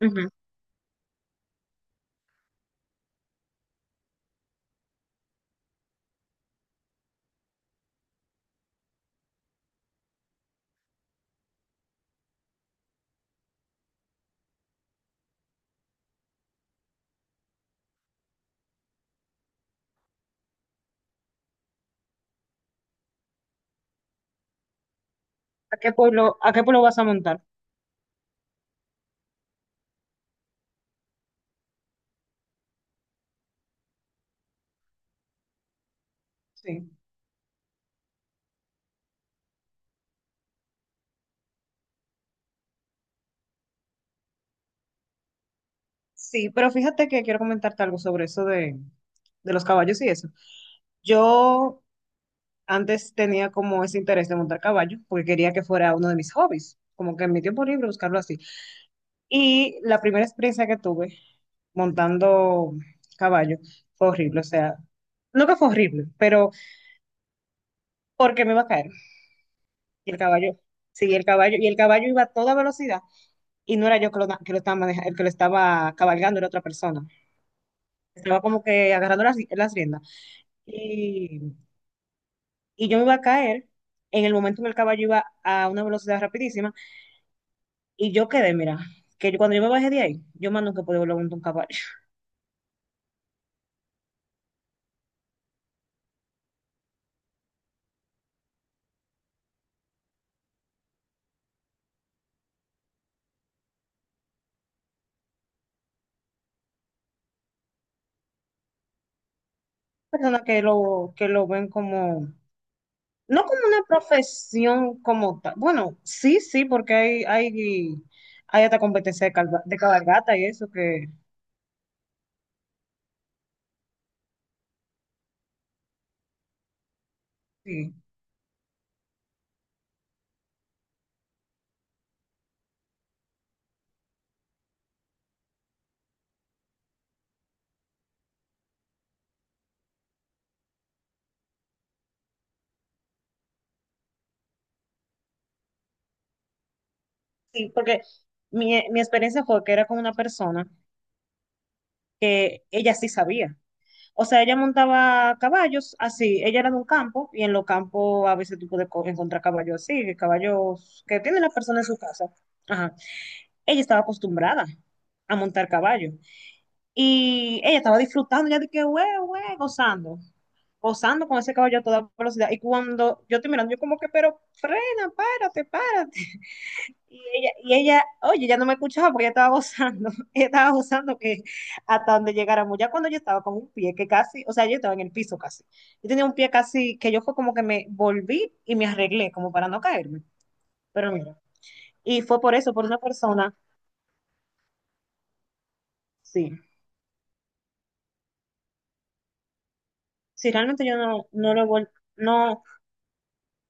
Ujú. A qué pueblo vas a montar? Sí. Sí, pero fíjate que quiero comentarte algo sobre eso de los caballos y eso. Yo antes tenía como ese interés de montar caballo porque quería que fuera uno de mis hobbies, como que en mi tiempo libre buscarlo así. Y la primera experiencia que tuve montando caballo fue horrible, o sea, no que fue horrible, pero porque me iba a caer. Y el caballo, sí, el caballo, y el caballo iba a toda velocidad y no era yo que lo estaba manejando, el que lo estaba cabalgando era otra persona. Estaba como que agarrando las riendas. Y, y yo me iba a caer en el momento en que el caballo iba a una velocidad rapidísima y yo quedé, mira, que cuando yo me bajé de ahí, yo más nunca pude volver a montar un caballo. Personas que lo ven como, no como una profesión como tal. Bueno, sí, sí, porque hay hasta competencia de, de cabalgata y eso que, sí, sí, porque mi experiencia fue que era con una persona que ella sí sabía. O sea, ella montaba caballos así, ella era de un campo y en los campos a veces tú puedes encontrar caballos así, caballos que tiene la persona en su casa. Ajá. Ella estaba acostumbrada a montar caballo y ella estaba disfrutando, ya de que, güey, güey, gozando, gozando con ese caballo a toda velocidad. Y cuando yo estoy mirando, yo como que, pero frena, párate, párate. Y ella, oye, ya no me escuchaba porque ella estaba gozando, ella estaba gozando que hasta donde llegáramos, ya cuando yo estaba con un pie que casi, o sea, yo estaba en el piso casi, yo tenía un pie casi que yo fue como que me volví y me arreglé como para no caerme, pero mira, y fue por eso, por una persona, sí, sí, realmente yo no, no lo he no,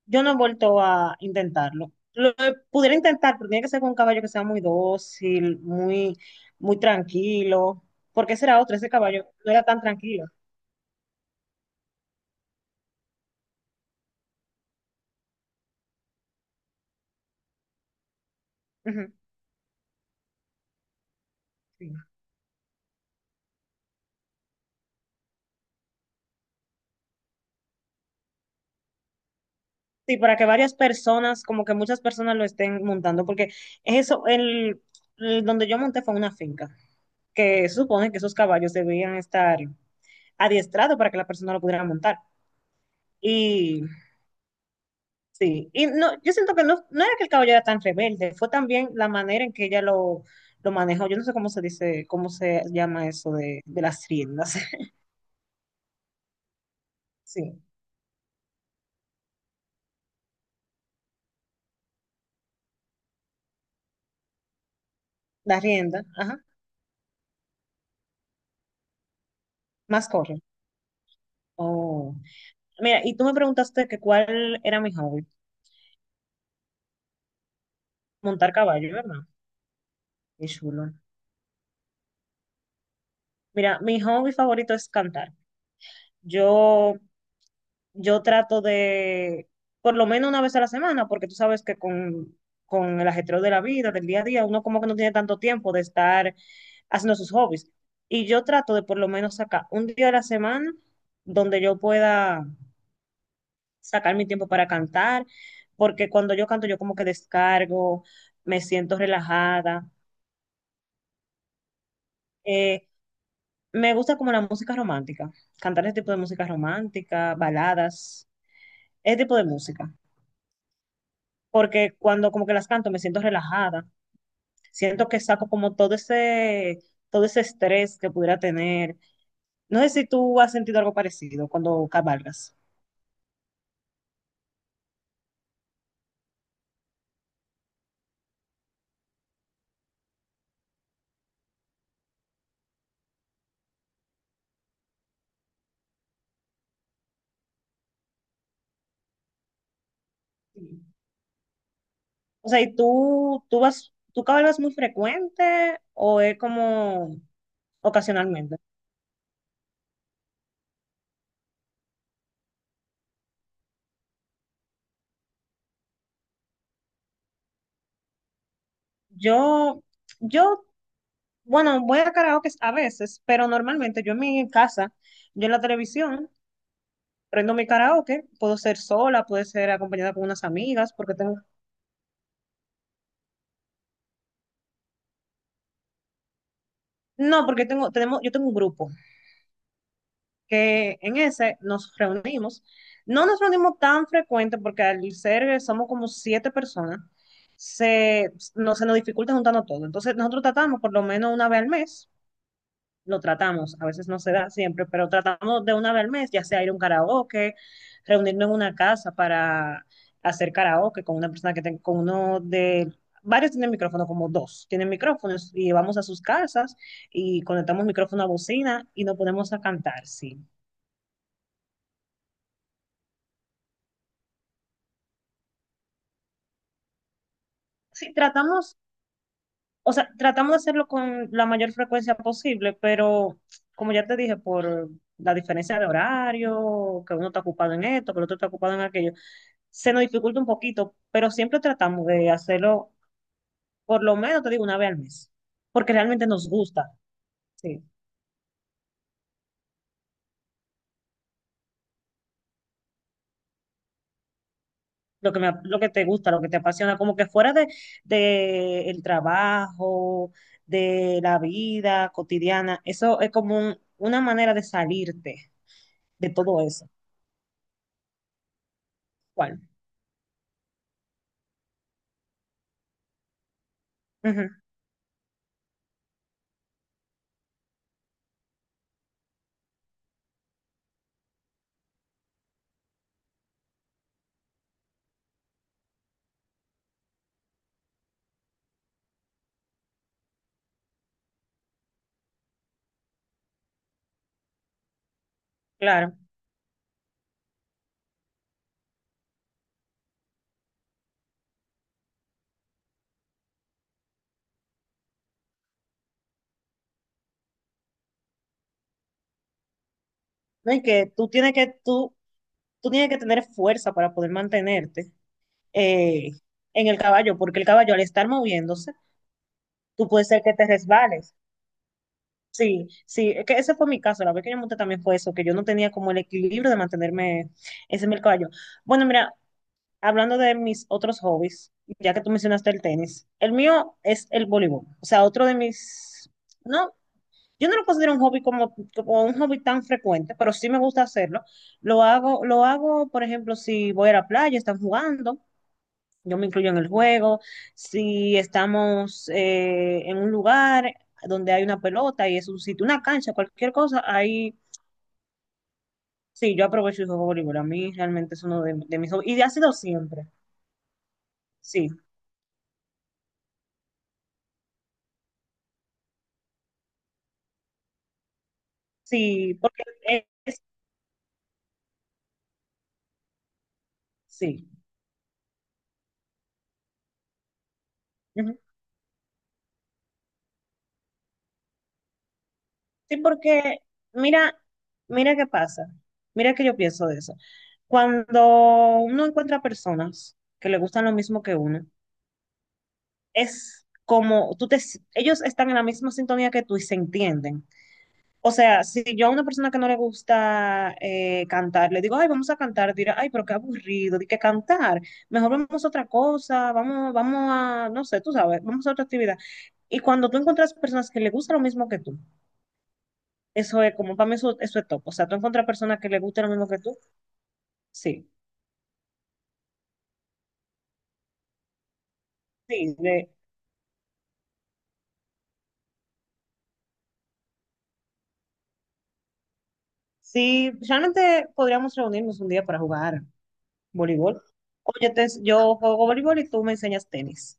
yo no he vuelto a intentarlo. Lo pudiera intentar, pero tiene que ser con un caballo que sea muy dócil, muy, muy tranquilo, porque ese era otro, ese caballo no era tan tranquilo. Sí. Sí, para que varias personas, como que muchas personas lo estén montando, porque eso, el donde yo monté fue una finca, que se supone que esos caballos debían estar adiestrados para que la persona lo pudiera montar. Y sí, y no, yo siento que no, no era que el caballo era tan rebelde, fue también la manera en que ella lo manejó. Yo no sé cómo se dice, cómo se llama eso de las riendas. Sí, la rienda, ajá, más corre. Oh. Mira, y tú me preguntaste que cuál era mi hobby. Montar caballo, ¿verdad? Qué chulo. Mira, mi hobby favorito es cantar. Yo, yo trato de, por lo menos una vez a la semana, porque tú sabes que con el ajetreo de la vida, del día a día, uno como que no tiene tanto tiempo de estar haciendo sus hobbies. Y yo trato de por lo menos sacar un día a la semana donde yo pueda sacar mi tiempo para cantar, porque cuando yo canto yo como que descargo, me siento relajada. Eh, Me gusta como la música romántica, cantar ese tipo de música romántica, baladas, ese tipo de música, porque cuando como que las canto me siento relajada, siento que saco como todo ese estrés que pudiera tener. No sé si tú has sentido algo parecido cuando cabalgas. Sí. O sea, ¿y tú vas, tú cabalgas muy frecuente o es como ocasionalmente? Yo, yo, bueno, voy a karaoke a veces, pero normalmente yo en mi casa, yo en la televisión. Prendo mi karaoke, puedo ser sola, puedo ser acompañada con unas amigas, porque tengo, no, porque tengo, tenemos, yo tengo un grupo que en ese nos reunimos. No nos reunimos tan frecuente porque al ser somos como 7 personas, se, no, se nos dificulta juntarnos todo. Entonces nosotros tratamos por lo menos una vez al mes lo tratamos. A veces no se da siempre, pero tratamos de una vez al mes, ya sea ir a un karaoke, reunirnos en una casa para hacer karaoke con una persona que tenga, con uno de... Varios tienen micrófono, como dos tienen micrófonos, y vamos a sus casas y conectamos micrófono a bocina y nos ponemos a cantar, sí. Sí, tratamos, o sea, tratamos de hacerlo con la mayor frecuencia posible, pero como ya te dije, por la diferencia de horario, que uno está ocupado en esto, que el otro está ocupado en aquello, se nos dificulta un poquito, pero siempre tratamos de hacerlo por lo menos, te digo, una vez al mes, porque realmente nos gusta, sí, lo que me, lo que te gusta, lo que te apasiona, como que fuera de el trabajo, de la vida cotidiana, eso es como una manera de salirte de todo eso. ¿Cuál? Ujú, claro. No, y que tú tienes que, tú tienes que tener fuerza para poder mantenerte eh, en el caballo, porque el caballo al estar moviéndose, tú puedes ser que te resbales. Sí, sí, es que ese fue mi caso, la vez que yo monté también fue eso, que yo no tenía como el equilibrio de mantenerme, ese es el caballo. Bueno, mira, hablando de mis otros hobbies, ya que tú mencionaste el tenis, el mío es el voleibol, o sea, otro de mis, no, yo no lo considero un hobby como, como un hobby tan frecuente, pero sí me gusta hacerlo. Lo hago, por ejemplo, si voy a la playa, están jugando, yo me incluyo en el juego, si estamos en un lugar donde hay una pelota y es un sitio, una cancha, cualquier cosa, ahí sí, yo aprovecho y juego voleibol. A mí realmente es uno de mis hobbies y ha sido siempre, sí, sí, porque es, sí, ujú. Sí, porque mira, mira qué pasa, mira que yo pienso de eso. Cuando uno encuentra personas que le gustan lo mismo que uno, es como tú te, ellos están en la misma sintonía que tú y se entienden. O sea, si yo a una persona que no le gusta cantar, le digo, ay, vamos a cantar, dirá, ay, pero qué aburrido, di que cantar, mejor vamos a otra cosa, vamos, vamos a, no sé, tú sabes, vamos a otra actividad. Y cuando tú encuentras personas que le gusta lo mismo que tú, eso es como, para mí eso, eso es top. O sea, tú encuentras personas que le gusta lo mismo que tú, sí, sí, de- sí, realmente podríamos reunirnos un día para jugar voleibol. Oye, yo juego voleibol y tú me enseñas tenis.